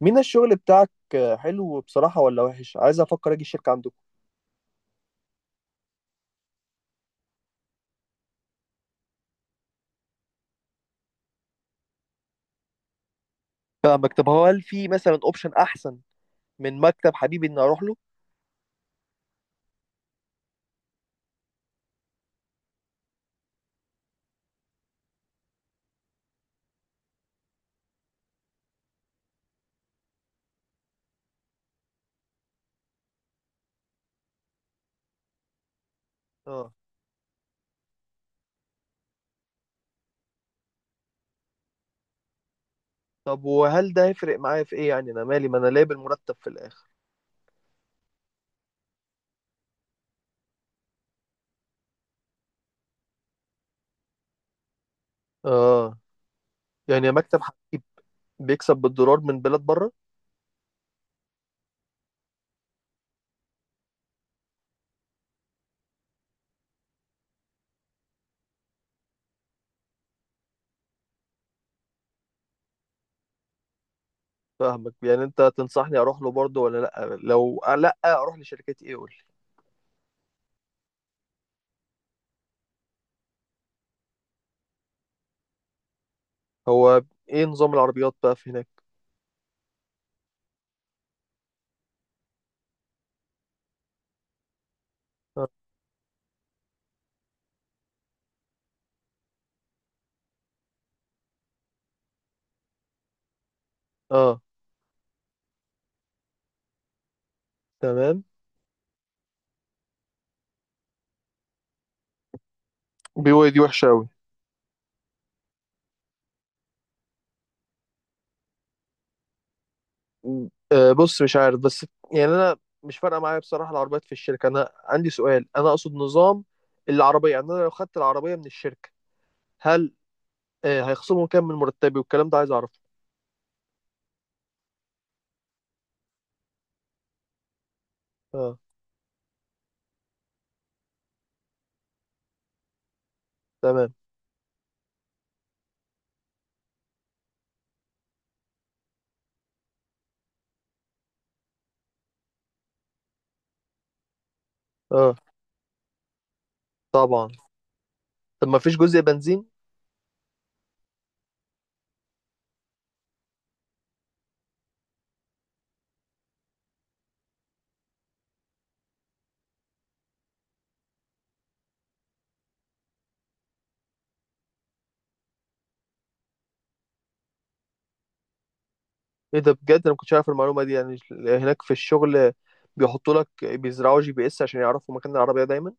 مين الشغل بتاعك؟ حلو بصراحة ولا وحش؟ عايز افكر اجي الشركة عندكم. فاهمك. طب هو، هل في مثلا اوبشن احسن من مكتب حبيبي اني اروح له؟ اه. طب وهل ده هيفرق معايا في ايه؟ يعني انا مالي، ما انا لاقي بالمرتب في الاخر. اه. يعني مكتب حبيب بيكسب بالدولار من بلاد بره؟ فاهمك. يعني انت تنصحني اروح له برضه ولا لا؟ لو لا اروح لشركة ايه قول لي. هو ايه نظام العربيات بقى في هناك؟ اه، آه. تمام. بي واي دي وحشة أوي. بص، مش عارف. بس يعني انا مش فارقه معايا بصراحه العربيات في الشركه، انا عندي سؤال، انا اقصد نظام العربيه. يعني انا لو خدت العربيه من الشركه، هل هيخصموا كام من مرتبي والكلام ده عايز اعرفه؟ اه. تمام. اه، طبعا. طب ما فيش جزء بنزين؟ ايه ده بجد، انا ما كنتش عارف المعلومه دي. يعني هناك في الشغل بيحطوا لك، بيزرعوا جي بي اس عشان يعرفوا مكان العربيه دايما؟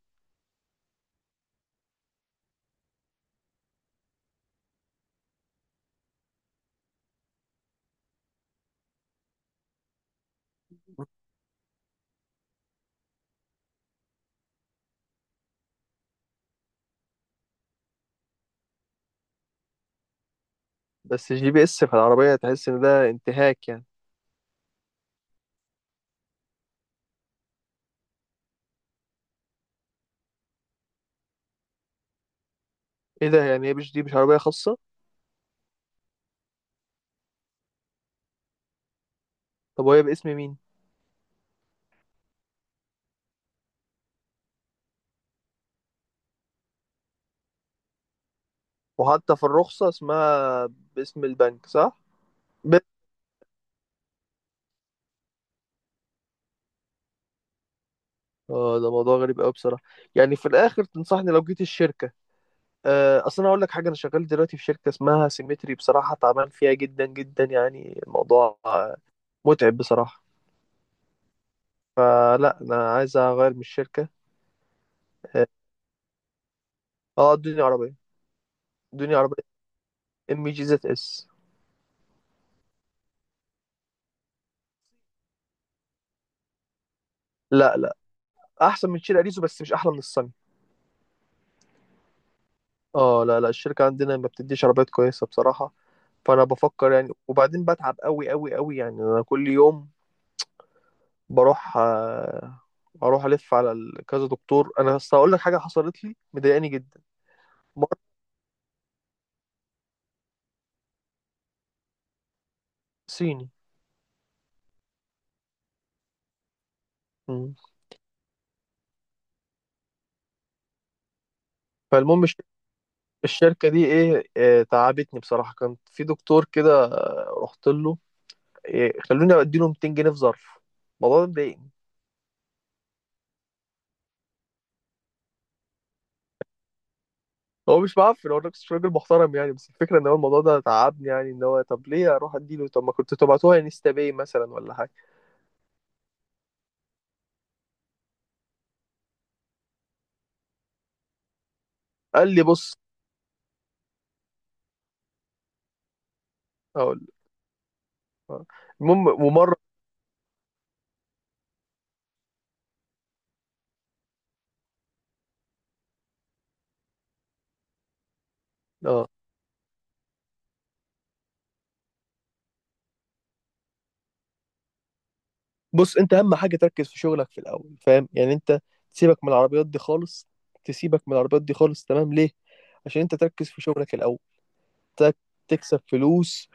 بس جي بي اس في العربيه تحس ان ده انتهاك يعني. ايه ده؟ يعني هي مش، دي مش عربيه خاصه؟ طب وهي باسم مين؟ وحتى في الرخصة اسمها باسم البنك صح؟ ب... اه، ده موضوع غريب قوي بصراحة. يعني في الآخر تنصحني لو جيت الشركة؟ أصل أنا أقول لك حاجة، أنا شغال دلوقتي في شركة اسمها سيمتري، بصراحة تعبان فيها جدا جدا. يعني الموضوع متعب بصراحة. فلا، أنا عايز أغير من الشركة. اه. آه، ادوني عربية ادوني عربية ام جي زد اس. لا لا، أحسن من شير أريزو، بس مش أحلى من الصني. اه لا لا، الشركة عندنا ما بتديش عربيات كويسة بصراحة. فانا بفكر يعني، وبعدين بتعب قوي قوي قوي. يعني انا كل يوم بروح، اروح الف على كذا دكتور. انا بس هقول لك حاجه حصلت لي مضايقاني جدا. مرض صيني. مم. فالمهم الشركه دي ايه، تعبتني بصراحه. كان في دكتور كده، رحت له. إيه، خلوني اديله 200 جنيه في ظرف. الموضوع ده مضايقني. هو مش معفن، هو نفس راجل محترم يعني. بس الفكره ان هو الموضوع ده تعبني. يعني ان هو، طب ليه اروح اديله؟ طب ما كنت تبعتوها انستا باي مثلا ولا حاجه. قال لي بص، هقول لك. آه. المهم، ومره. اه، بص، انت اهم حاجه تركز في شغلك في الاول، فاهم؟ يعني انت تسيبك من العربيات دي خالص. تسيبك من العربيات دي خالص، تمام؟ ليه؟ عشان انت تركز في شغلك الاول. تك- تكسب فلوس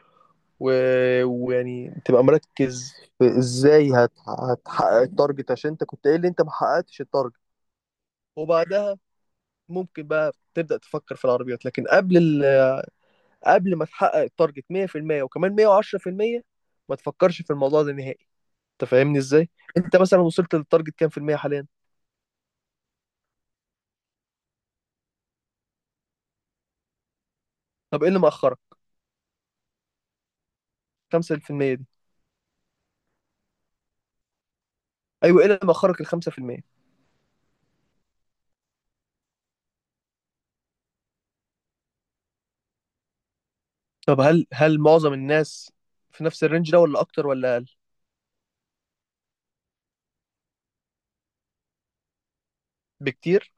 و... ويعني تبقى مركز. في ازاي هتحقق التارجت، عشان انت كنت قايل لي انت ما حققتش التارجت. وبعدها ممكن بقى تبدأ تفكر في العربيات، لكن قبل قبل ما تحقق التارجت 100% وكمان 110%، ما تفكرش في الموضوع ده نهائي. انت فاهمني ازاي؟ انت مثلا وصلت للتارجت كام في المية حاليا؟ طب ايه اللي مأخرك؟ 5% دي؟ ايوه، ايه اللي مأخرك ال 5%؟ طب، هل معظم الناس في نفس الرينج ده ولا اكتر ولا اقل بكتير؟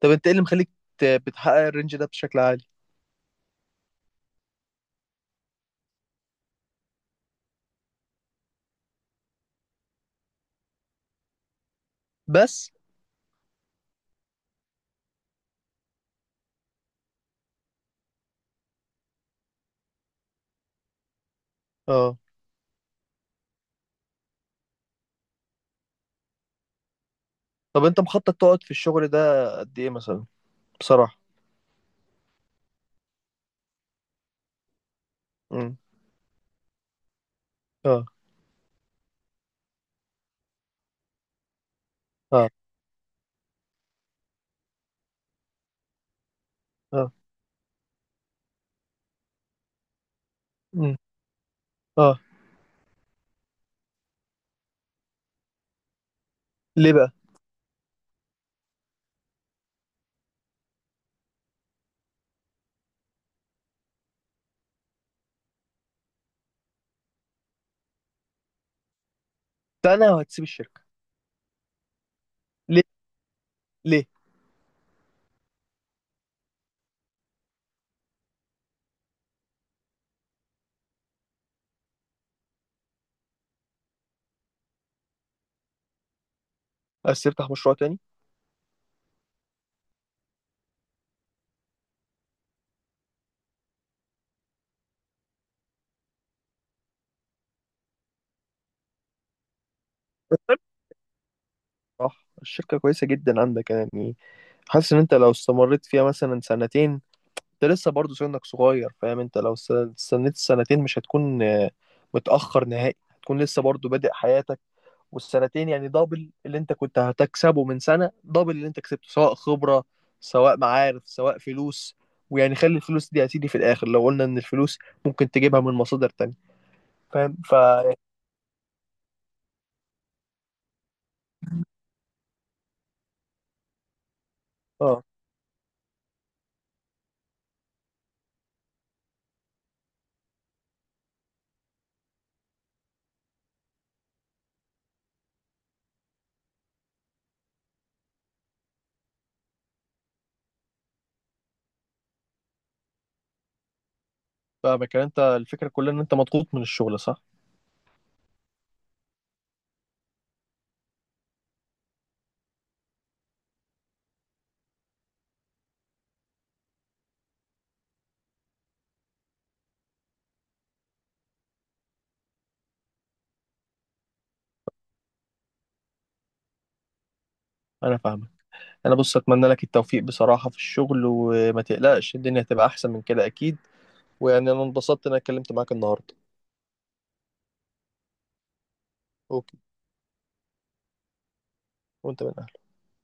طب انت ايه اللي مخليك بتحقق الرينج ده بشكل عالي؟ بس. اه. طب انت مخطط تقعد في الشغل ده قد ايه مثلا، بصراحة؟ امم. اه. اه. اه. امم. اه. ليه بقى؟ سنة وهتسيب الشركة؟ ليه؟ ليه؟ عايز تفتح مشروع تاني؟ صح، الشركة كويسة جدا عندك يعني. حاسس ان انت لو استمريت فيها مثلا سنتين، انت لسه برضه سنك صغير، فاهم؟ انت لو استنيت السنتين مش هتكون متأخر نهائي. هتكون لسه برضه بادئ حياتك. والسنتين يعني دبل اللي انت كنت هتكسبه من سنة، دبل اللي انت كسبته، سواء خبرة سواء معارف سواء فلوس. ويعني خلي الفلوس دي هتيجي في الآخر، لو قلنا ان الفلوس ممكن تجيبها من مصادر تانية، فاهم؟ اه. فاهمك. يعني انت الفكرة كلها ان انت مضغوط من الشغل، صح؟ انا فاهمك. انا بص، اتمنى لك التوفيق بصراحة في الشغل، وما تقلقش، الدنيا هتبقى احسن من كده اكيد. ويعني انا انبسطت ان انا اتكلمت معاك النهارده. اوكي. وانت من